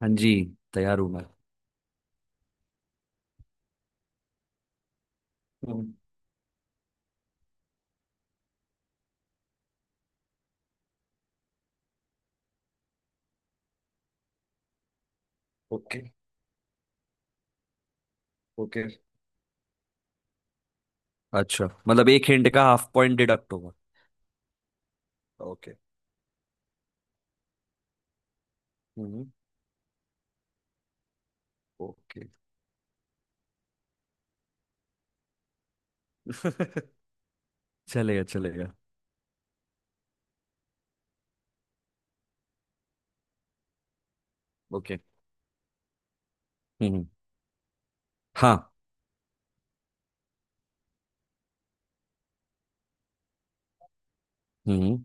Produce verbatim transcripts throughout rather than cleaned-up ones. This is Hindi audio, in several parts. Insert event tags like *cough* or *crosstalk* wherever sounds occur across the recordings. हाँ जी, तैयार हूँ मैं। हम्म। ओके। ओके। अच्छा, मतलब एक हिंट का हाफ पॉइंट डिडक्ट होगा। ओके। हम्म। ओके। *laughs* चलेगा चलेगा। ओके। हम्म। हाँ। हम्म।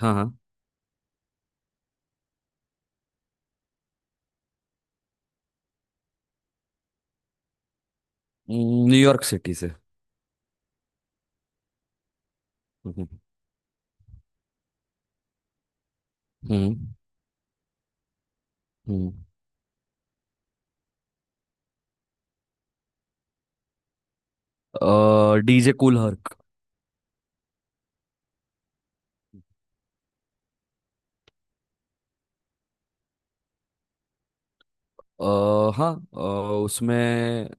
हाँ हाँ। हम्म, न्यूयॉर्क सिटी से। हम्म। हम्म। हम्म, डीजे कूल हर्क। अ, हाँ, अ, उसमें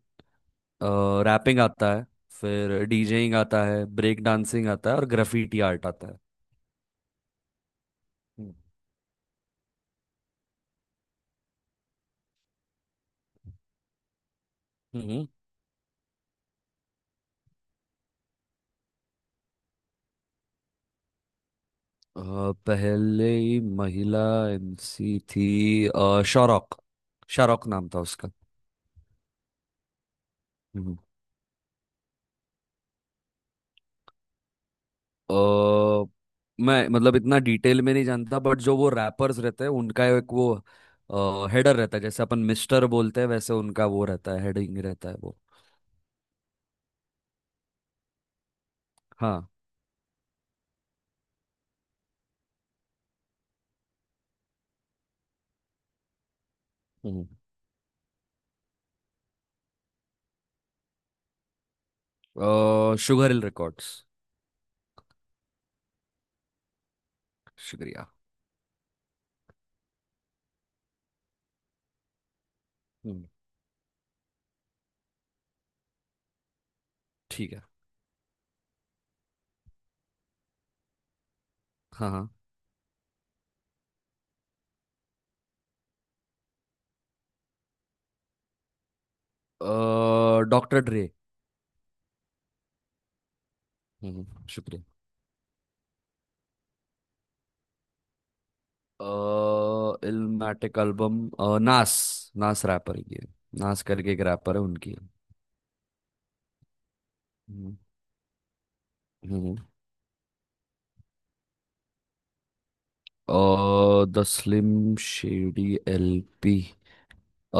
रैपिंग आता है, फिर डीजेइंग आता है, ब्रेक डांसिंग आता है और ग्राफिटी आर्ट आता है। हम्म, अ, पहले ही महिला एमसी थी, अ, शारोक। शारोक नाम था उसका। हम्म। अ, मैं मतलब इतना डिटेल में नहीं जानता, बट जो वो रैपर्स रहते हैं उनका एक वो हेडर रहता है, जैसे अपन मिस्टर बोलते हैं वैसे उनका वो रहता है, हेडिंग रहता है वो। हाँ। हम्म। अ, शुगर हिल रिकॉर्ड्स। शुक्रिया। हम्म, ठीक है। हाँ हाँ। डॉक्टर ड्रे। हम्म, शुक्रिया। अ इल्मेटिक एल्बम अ, नास। नास रैपर की है। नास करके एक रैपर है, उनकी है। हम्म। हम्म। अ द स्लिम शेडी एलपी। अ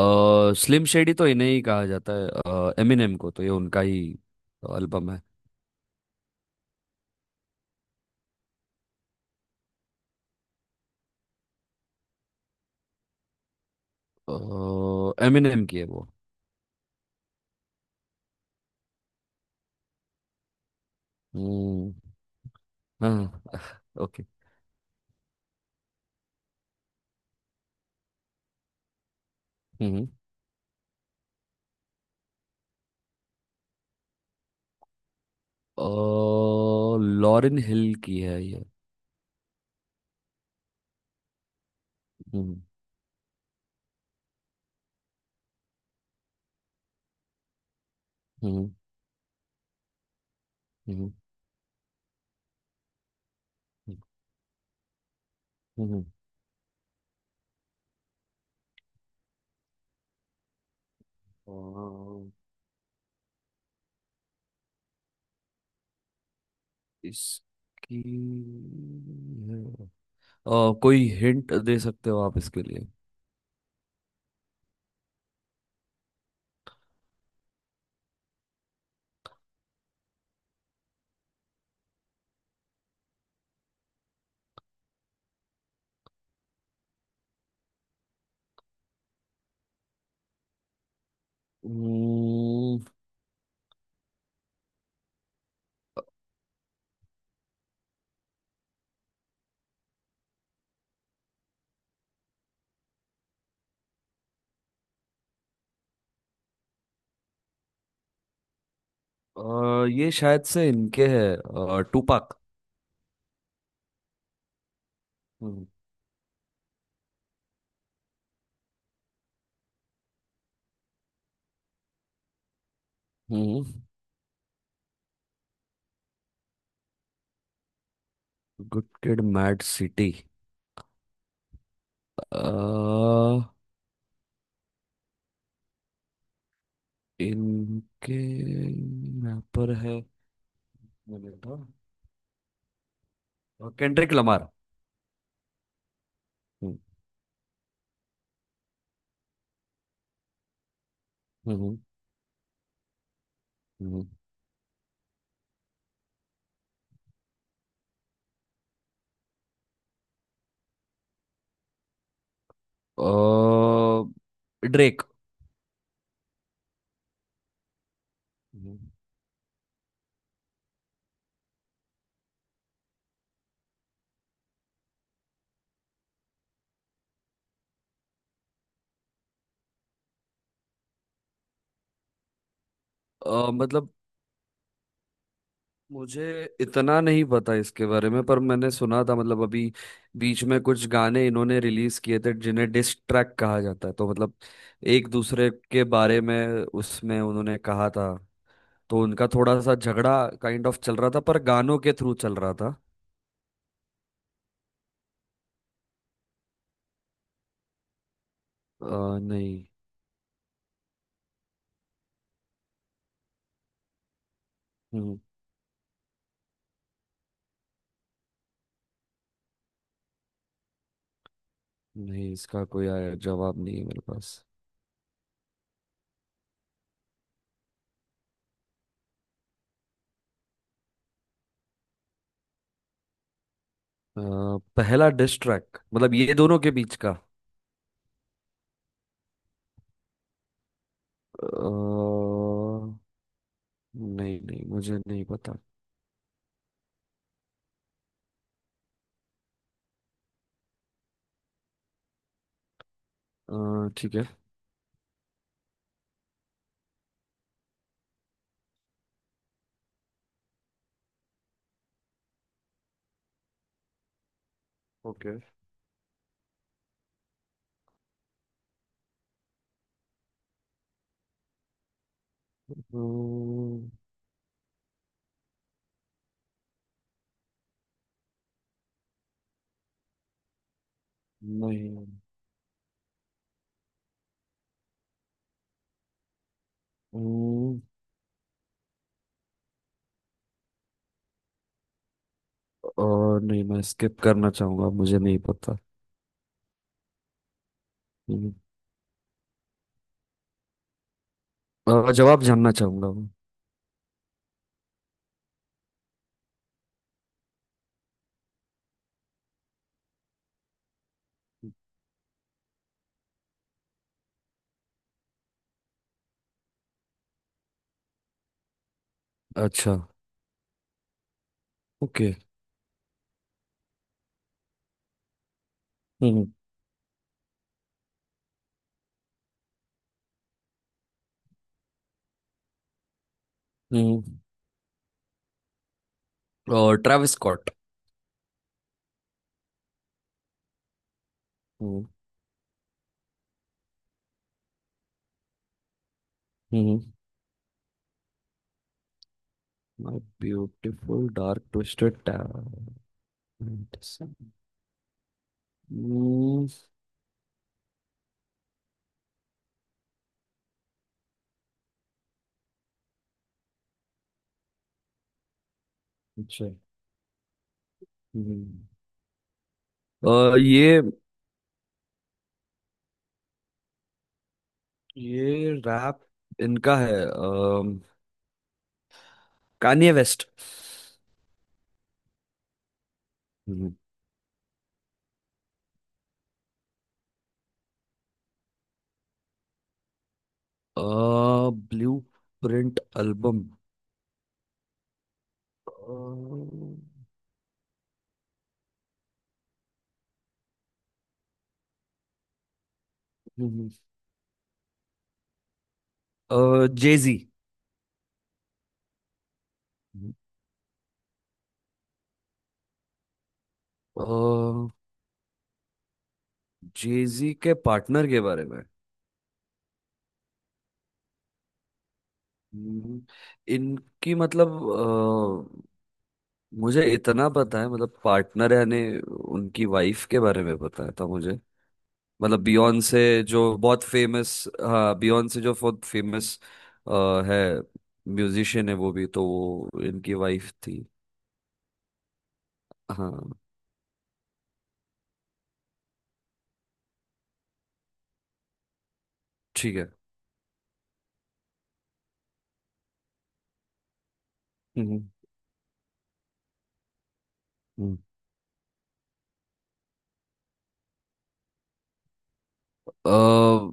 स्लिम शेडी तो इन्हें ही कहा जाता है, अ, एमिनेम को, तो ये उनका ही एल्बम है। अ, एमिनेम की है वो। हम्म। हाँ। *laughs* ओके। हम्म। अ, लॉरेन हिल की है ये। हम्म। हम्म। हम्म। हम्म। हम्म। इसकी अ, कोई हिंट दे सकते हो आप इसके लिए? हम्म। अ, ये शायद से इनके है, टूपाक। हम्म। Good kid mad city? अ, इनके यहाँ पर है, केंड्रिक लमार। हम्म। हम्म। हम्म। अ, ड्रेक। हम्म। अ, मतलब मुझे इतना नहीं पता इसके बारे में, पर मैंने सुना था, मतलब अभी बीच में कुछ गाने इन्होंने रिलीज किए थे जिन्हें डिस ट्रैक कहा जाता है, तो मतलब एक दूसरे के बारे में उसमें उन्होंने कहा था, तो उनका थोड़ा सा झगड़ा काइंड ऑफ चल रहा था, पर गानों के थ्रू चल रहा था। अ, नहीं। हम्म। नहीं, इसका कोई आया- जवाब नहीं है मेरे पास। अ, पहला डिस ट्रैक मतलब ये दोनों के बीच का? अ, नहीं नहीं, मुझे नहीं पता। अ, ठीक है। ओके। हम्म। नहीं। हम्म। और नहीं, मैं स्किप करना चाहूंगा, मुझे नहीं पता। हम्म। अ, जवाब जानना चाहूंगा मैं। अच्छा। ओके। हम्म। हम्म। और ट्रेविस स्कॉट। हम्म। हम्म। My beautiful dark twisted talent. अच्छा। हम्म। अ, ये ये रैप इनका है, कान्ये वेस्ट। अ Blueprint album. Jay Z. Jay Z के पार्टनर के बारे में? हम्म। इनकी मतलब अ, मुझे इतना पता है, मतलब पार्टनर यानी उनकी वाइफ के बारे में पता था मुझे, मतलब बियॉन्ड से, जो बहुत फेमस। हाँ, बियॉन्ड से जो बहुत फेमस है, म्यूजिशियन है वो, भी तो वो इनकी वाइफ थी। हाँ। ठीक है। हम्म। अ,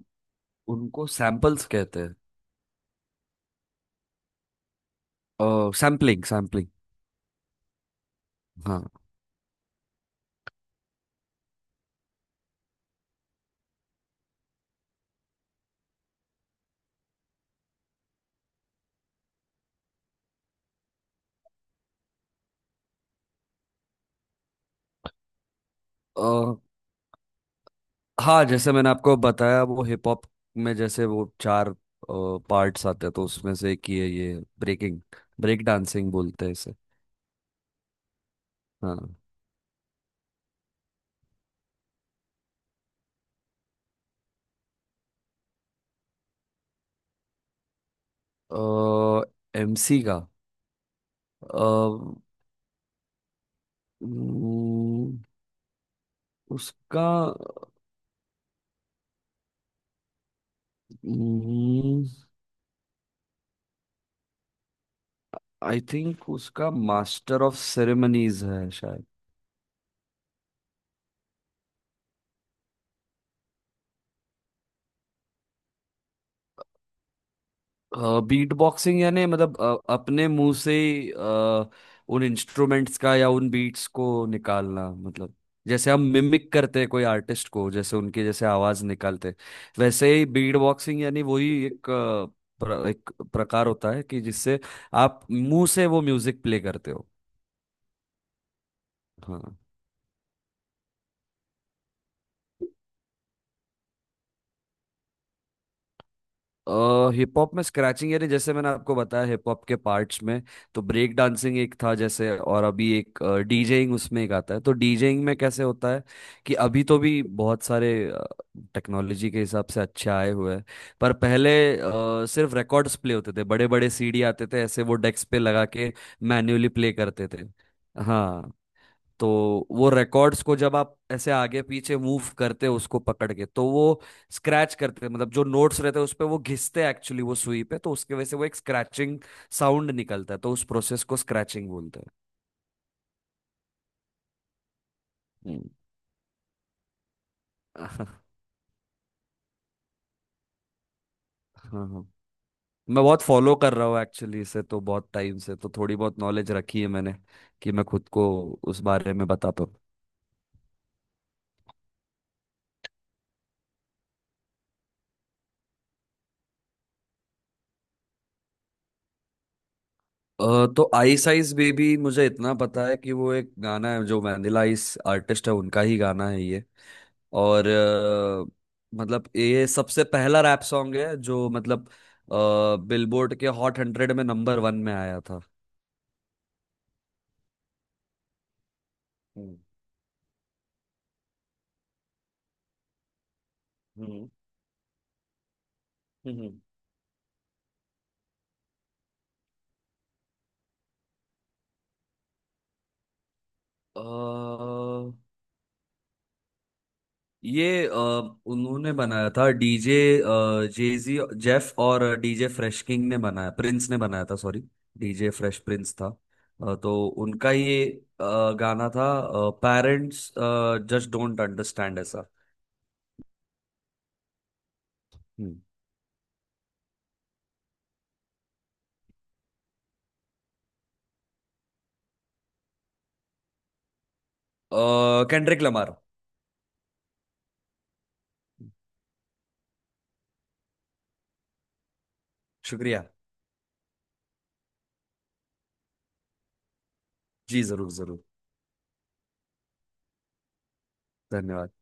उनको सैंपल्स कहते हैं। Sampling, sampling. हाँ। अ, हाँ, जैसे मैंने आपको बताया, वो हिप हॉप में जैसे वो चार पार्ट्स आते हैं, तो उसमें से एक ही है ये, ब्रेकिंग। ब्रेक डांसिंग बोलते हैं इसे। हाँ। एमसी का अ, उम्म, उसका आई थिंक उसका मास्टर ऑफ सेरेमनीज है। बीट बॉक्सिंग यानी मतलब अ, अपने मुंह से ही अ, उन इंस्ट्रूमेंट्स का या उन बीट्स को निकालना, मतलब जैसे हम मिमिक करते हैं कोई आर्टिस्ट को, जैसे उनकी जैसे आवाज निकालते हैं, वैसे ही बीट बॉक्सिंग, यानी वही एक अ, प्र, एक प्रकार होता है कि जिससे आप मुंह से वो म्यूजिक प्ले करते हो। हाँ। हिप हॉप में स्क्रैचिंग यानी जैसे मैंने आपको बताया हिप हॉप के पार्ट्स में, तो ब्रेक डांसिंग एक था जैसे, और अभी एक डीजेइंग उसमें एक आता है, तो डीजेइंग में कैसे होता है कि अभी तो भी बहुत सारे टेक्नोलॉजी के हिसाब से अच्छे आए हुए हैं, पर पहले अ, सिर्फ रिकॉर्ड्स प्ले होते थे, बड़े बड़े सीडी आते थे ऐसे, वो डेस्क पे लगा के मैन्युअली प्ले करते थे। हाँ, तो वो रिकॉर्ड्स को जब आप ऐसे आगे पीछे मूव करते हो उसको पकड़ के, तो वो स्क्रैच करते, मतलब जो नोट्स रहते हैं उस पे वो घिसते एक्चुअली, वो सुई पे, तो उसके वजह से वो एक स्क्रैचिंग साउंड निकलता है, तो उस प्रोसेस को स्क्रैचिंग बोलते हैं। हम्म। *laughs* हाँ। हाँ, मैं बहुत फॉलो कर रहा हूँ एक्चुअली इसे तो बहुत टाइम से, तो थोड़ी बहुत नॉलेज रखी है मैंने कि मैं खुद को उस बारे में बता पाऊँ। अ, तो आइस आइस बेबी, मुझे इतना पता है कि वो एक गाना है, जो वैनिला आइस आर्टिस्ट है उनका ही गाना है ये, और अ, मतलब ये सबसे पहला रैप सॉन्ग है जो मतलब बिलबोर्ड के हॉट हंड्रेड में नंबर वन में आया था। हम्म। हम्म। हम्म। अ, ये अ, उन्होंने बनाया था, डीजे जेजी जेफ और डीजे फ्रेश किंग ने बनाया, प्रिंस ने बनाया था, सॉरी, डीजे फ्रेश प्रिंस था। अ, तो उनका ये अ, गाना था पेरेंट्स जस्ट डोंट अंडरस्टैंड ऐसा। हम्म। अ, केंड्रिक लमार। शुक्रिया। जी जरूर जरूर। धन्यवाद।